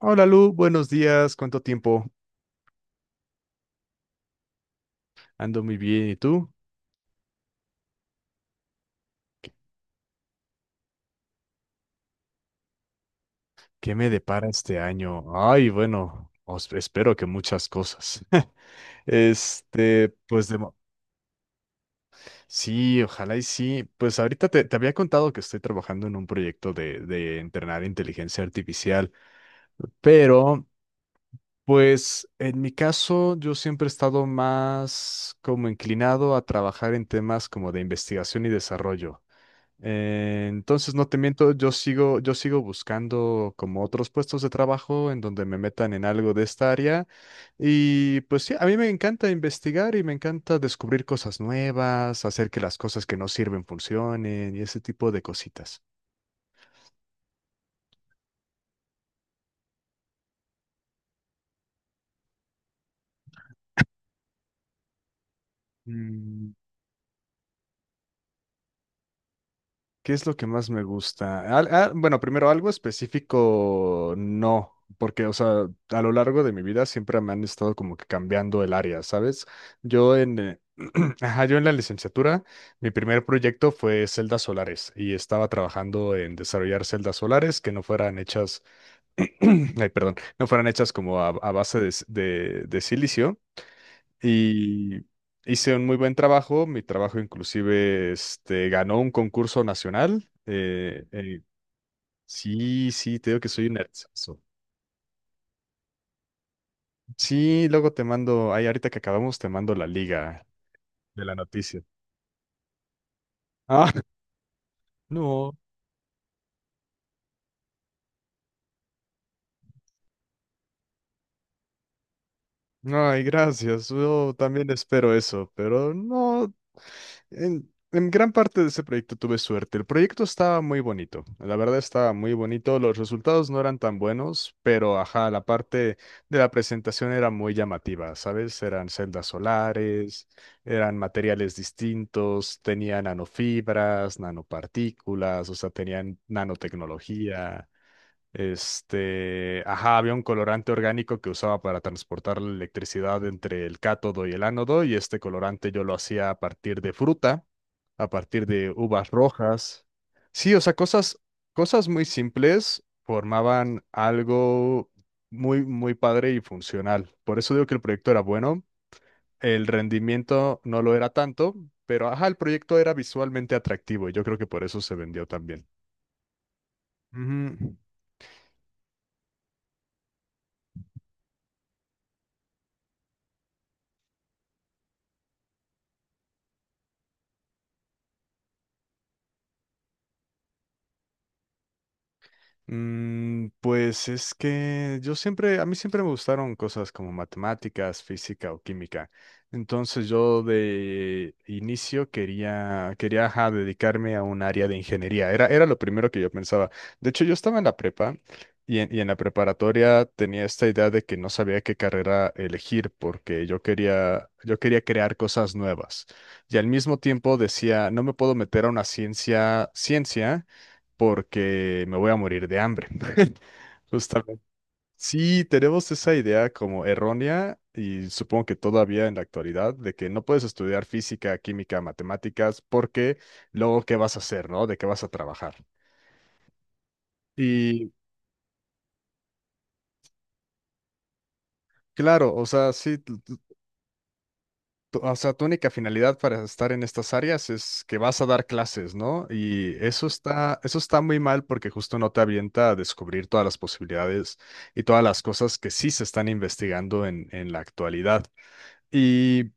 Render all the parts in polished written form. Hola Lu, buenos días, ¿cuánto tiempo? Ando muy bien, ¿y tú? ¿Qué me depara este año? Ay, bueno, espero que muchas cosas. Este, pues de, mo- sí, ojalá y sí. Pues ahorita te había contado que estoy trabajando en un proyecto de entrenar inteligencia artificial, pero pues en mi caso yo siempre he estado más como inclinado a trabajar en temas como de investigación y desarrollo. Entonces, no te miento, yo sigo buscando como otros puestos de trabajo en donde me metan en algo de esta área. Y pues sí, a mí me encanta investigar y me encanta descubrir cosas nuevas, hacer que las cosas que no sirven funcionen y ese tipo de cositas. Mm. ¿Qué es lo que más me gusta? Bueno, primero algo específico, no, porque, o sea, a lo largo de mi vida siempre me han estado como que cambiando el área, ¿sabes? Yo en, eh, ajá, yo en la licenciatura, mi primer proyecto fue celdas solares y estaba trabajando en desarrollar celdas solares que no fueran hechas, ay, perdón, no fueran hechas como a base de, s- de silicio y hice un muy buen trabajo. Mi trabajo inclusive este, ganó un concurso nacional. Sí, sí, te digo que soy un nerdazo. Sí, luego te mando, ay, ahorita que acabamos te mando la liga de la noticia. Ah, no. Ay, gracias. Yo también espero eso, pero no. En gran parte de ese proyecto tuve suerte. El proyecto estaba muy bonito, la verdad estaba muy bonito. Los resultados no eran tan buenos, pero ajá, la parte de la presentación era muy llamativa, ¿sabes? Eran celdas solares, eran materiales distintos, tenían nanofibras, nanopartículas, o sea, tenían nanotecnología. Este, ajá, había un colorante orgánico que usaba para transportar la electricidad entre el cátodo y el ánodo, y este colorante yo lo hacía a partir de fruta, a partir de uvas rojas. Sí, o sea, cosas muy simples formaban algo muy, muy padre y funcional. Por eso digo que el proyecto era bueno. El rendimiento no lo era tanto, pero ajá, el proyecto era visualmente atractivo y yo creo que por eso se vendió también. Ujú. Mm, pues es que yo siempre, a mí siempre me gustaron cosas como matemáticas, física o química. Entonces yo de inicio quería ajá, dedicarme a un área de ingeniería. Era lo primero que yo pensaba. De hecho, yo estaba en la prepa y en la preparatoria tenía esta idea de que no sabía qué carrera elegir porque yo quería crear cosas nuevas. Y al mismo tiempo decía, no me puedo meter a una ciencia, ciencia porque me voy a morir de hambre. Justamente. Sí, tenemos esa idea como errónea y supongo que todavía en la actualidad de que no puedes estudiar física, química, matemáticas porque luego qué vas a hacer, ¿no? ¿De qué vas a trabajar? Y claro, o sea, sí, o sea, tu única finalidad para estar en estas áreas es que vas a dar clases, ¿no? Y eso está muy mal porque justo no te avienta a descubrir todas las posibilidades y todas las cosas que sí se están investigando en la actualidad. Y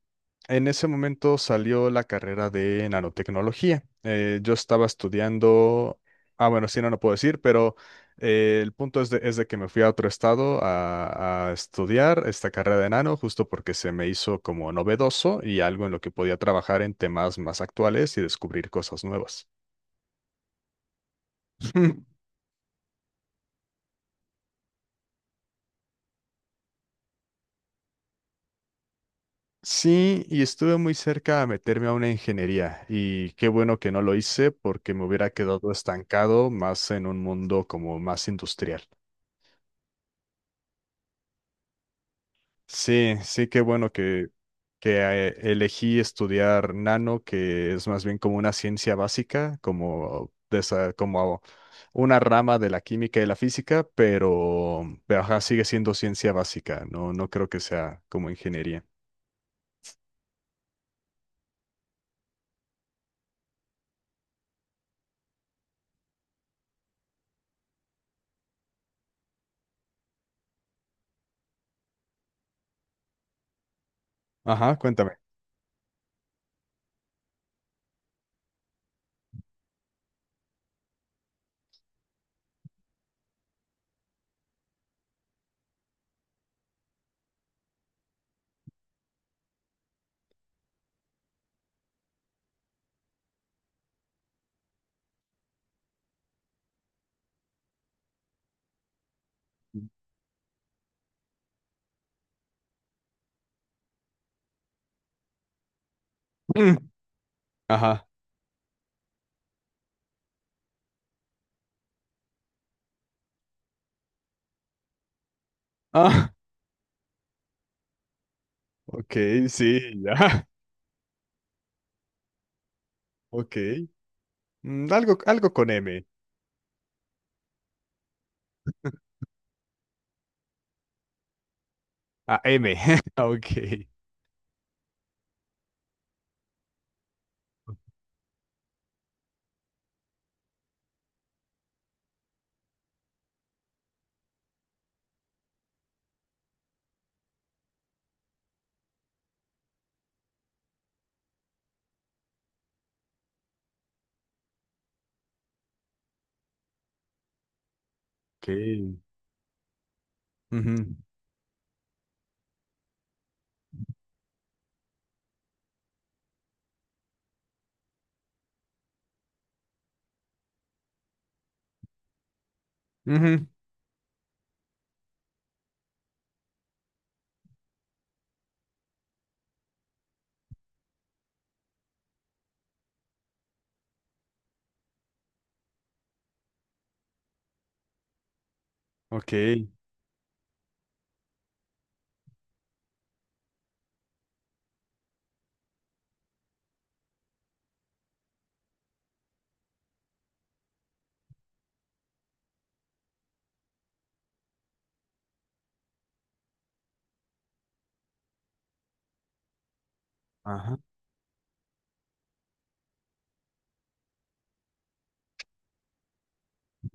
en ese momento salió la carrera de nanotecnología. Yo estaba estudiando, ah, bueno, sí, no, no puedo decir, pero el punto es de que me fui a otro estado a estudiar esta carrera de nano, justo porque se me hizo como novedoso y algo en lo que podía trabajar en temas más actuales y descubrir cosas nuevas. Sí, y estuve muy cerca a meterme a una ingeniería y qué bueno que no lo hice porque me hubiera quedado estancado más en un mundo como más industrial. Sí, sí, qué bueno que elegí estudiar nano, que es más bien como una ciencia básica, como una rama de la química y la física, pero ajá, sigue siendo ciencia básica, no, no creo que sea como ingeniería. Ajá, cuéntame. Mm, ajá. Ok, sí, ya. Ok. Mm, algo, algo con M. Ah, M. Ok. Ok. Ujú, ujú, ok. Ajá.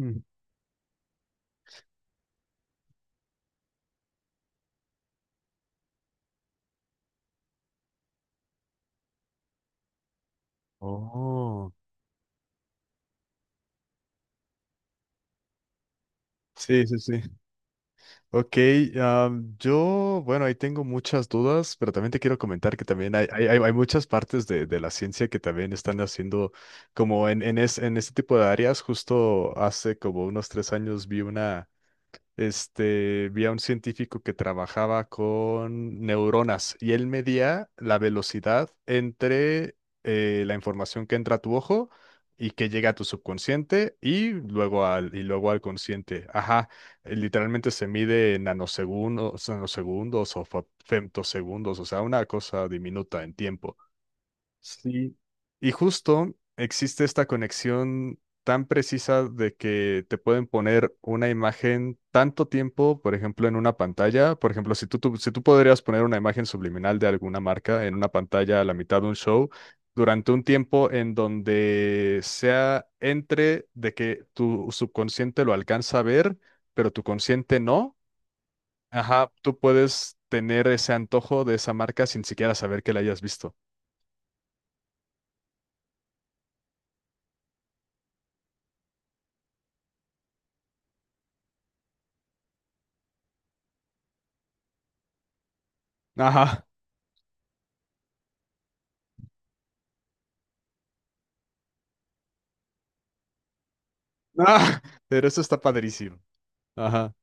Mm. Oh. Sí, sí, sí. Ok, am, yo, bueno, ahí tengo muchas dudas, pero también te quiero comentar que también hay muchas partes de la ciencia que también están haciendo como en este tipo de áreas. Justo hace como unos tres años vi una este, vi a un científico que trabajaba con neuronas y él medía la velocidad entre la información que entra a tu ojo y que llega a tu subconsciente y luego al consciente. Ajá, literalmente se mide en nanosegundos, nanosegundos o femtosegundos, o sea, una cosa diminuta en tiempo. Sí, y justo existe esta conexión tan precisa de que te pueden poner una imagen tanto tiempo, por ejemplo, en una pantalla. Por ejemplo, si tú podrías poner una imagen subliminal de alguna marca en una pantalla a la mitad de un show, durante un tiempo en donde sea entre de que tu subconsciente lo alcanza a ver, pero tu consciente no, ajá, tú puedes tener ese antojo de esa marca sin siquiera saber que la hayas visto. Ajá. Ah, pero eso está padrísimo. Ajá.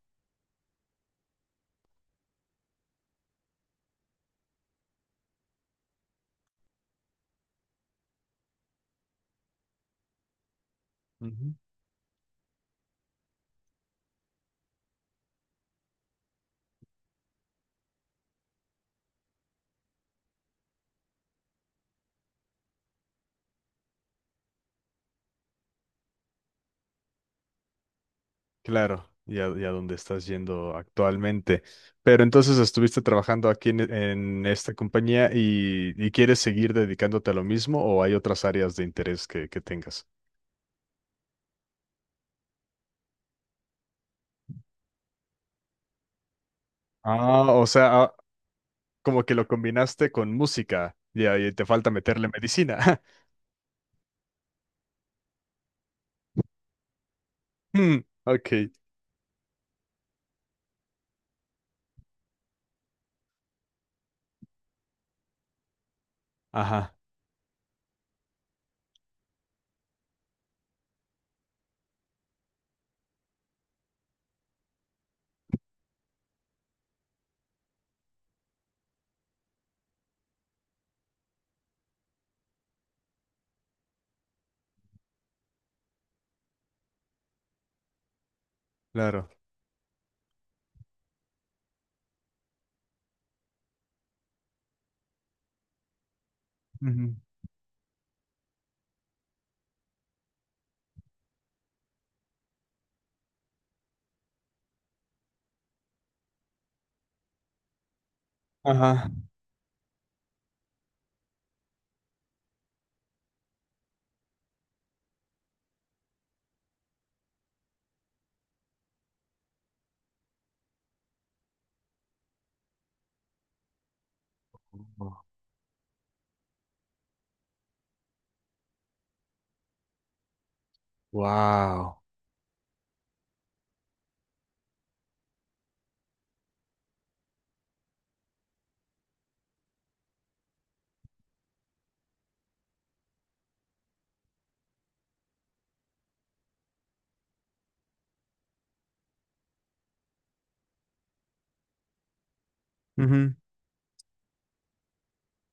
Ujú. Claro, y y a dónde estás yendo actualmente. Pero entonces estuviste trabajando aquí en esta compañía y quieres seguir dedicándote a lo mismo o hay otras áreas de interés que tengas. Ah, o sea, ah, como que lo combinaste con música y ahí te falta meterle medicina. Hmm, ok. Ajá, claro. Ujú, ajá. Wow.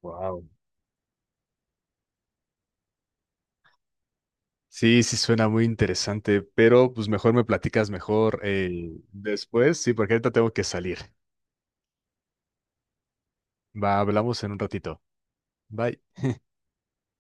Wow. Sí, sí suena muy interesante, pero pues mejor me platicas mejor después, sí, porque ahorita tengo que salir. Va, hablamos en un ratito. Bye.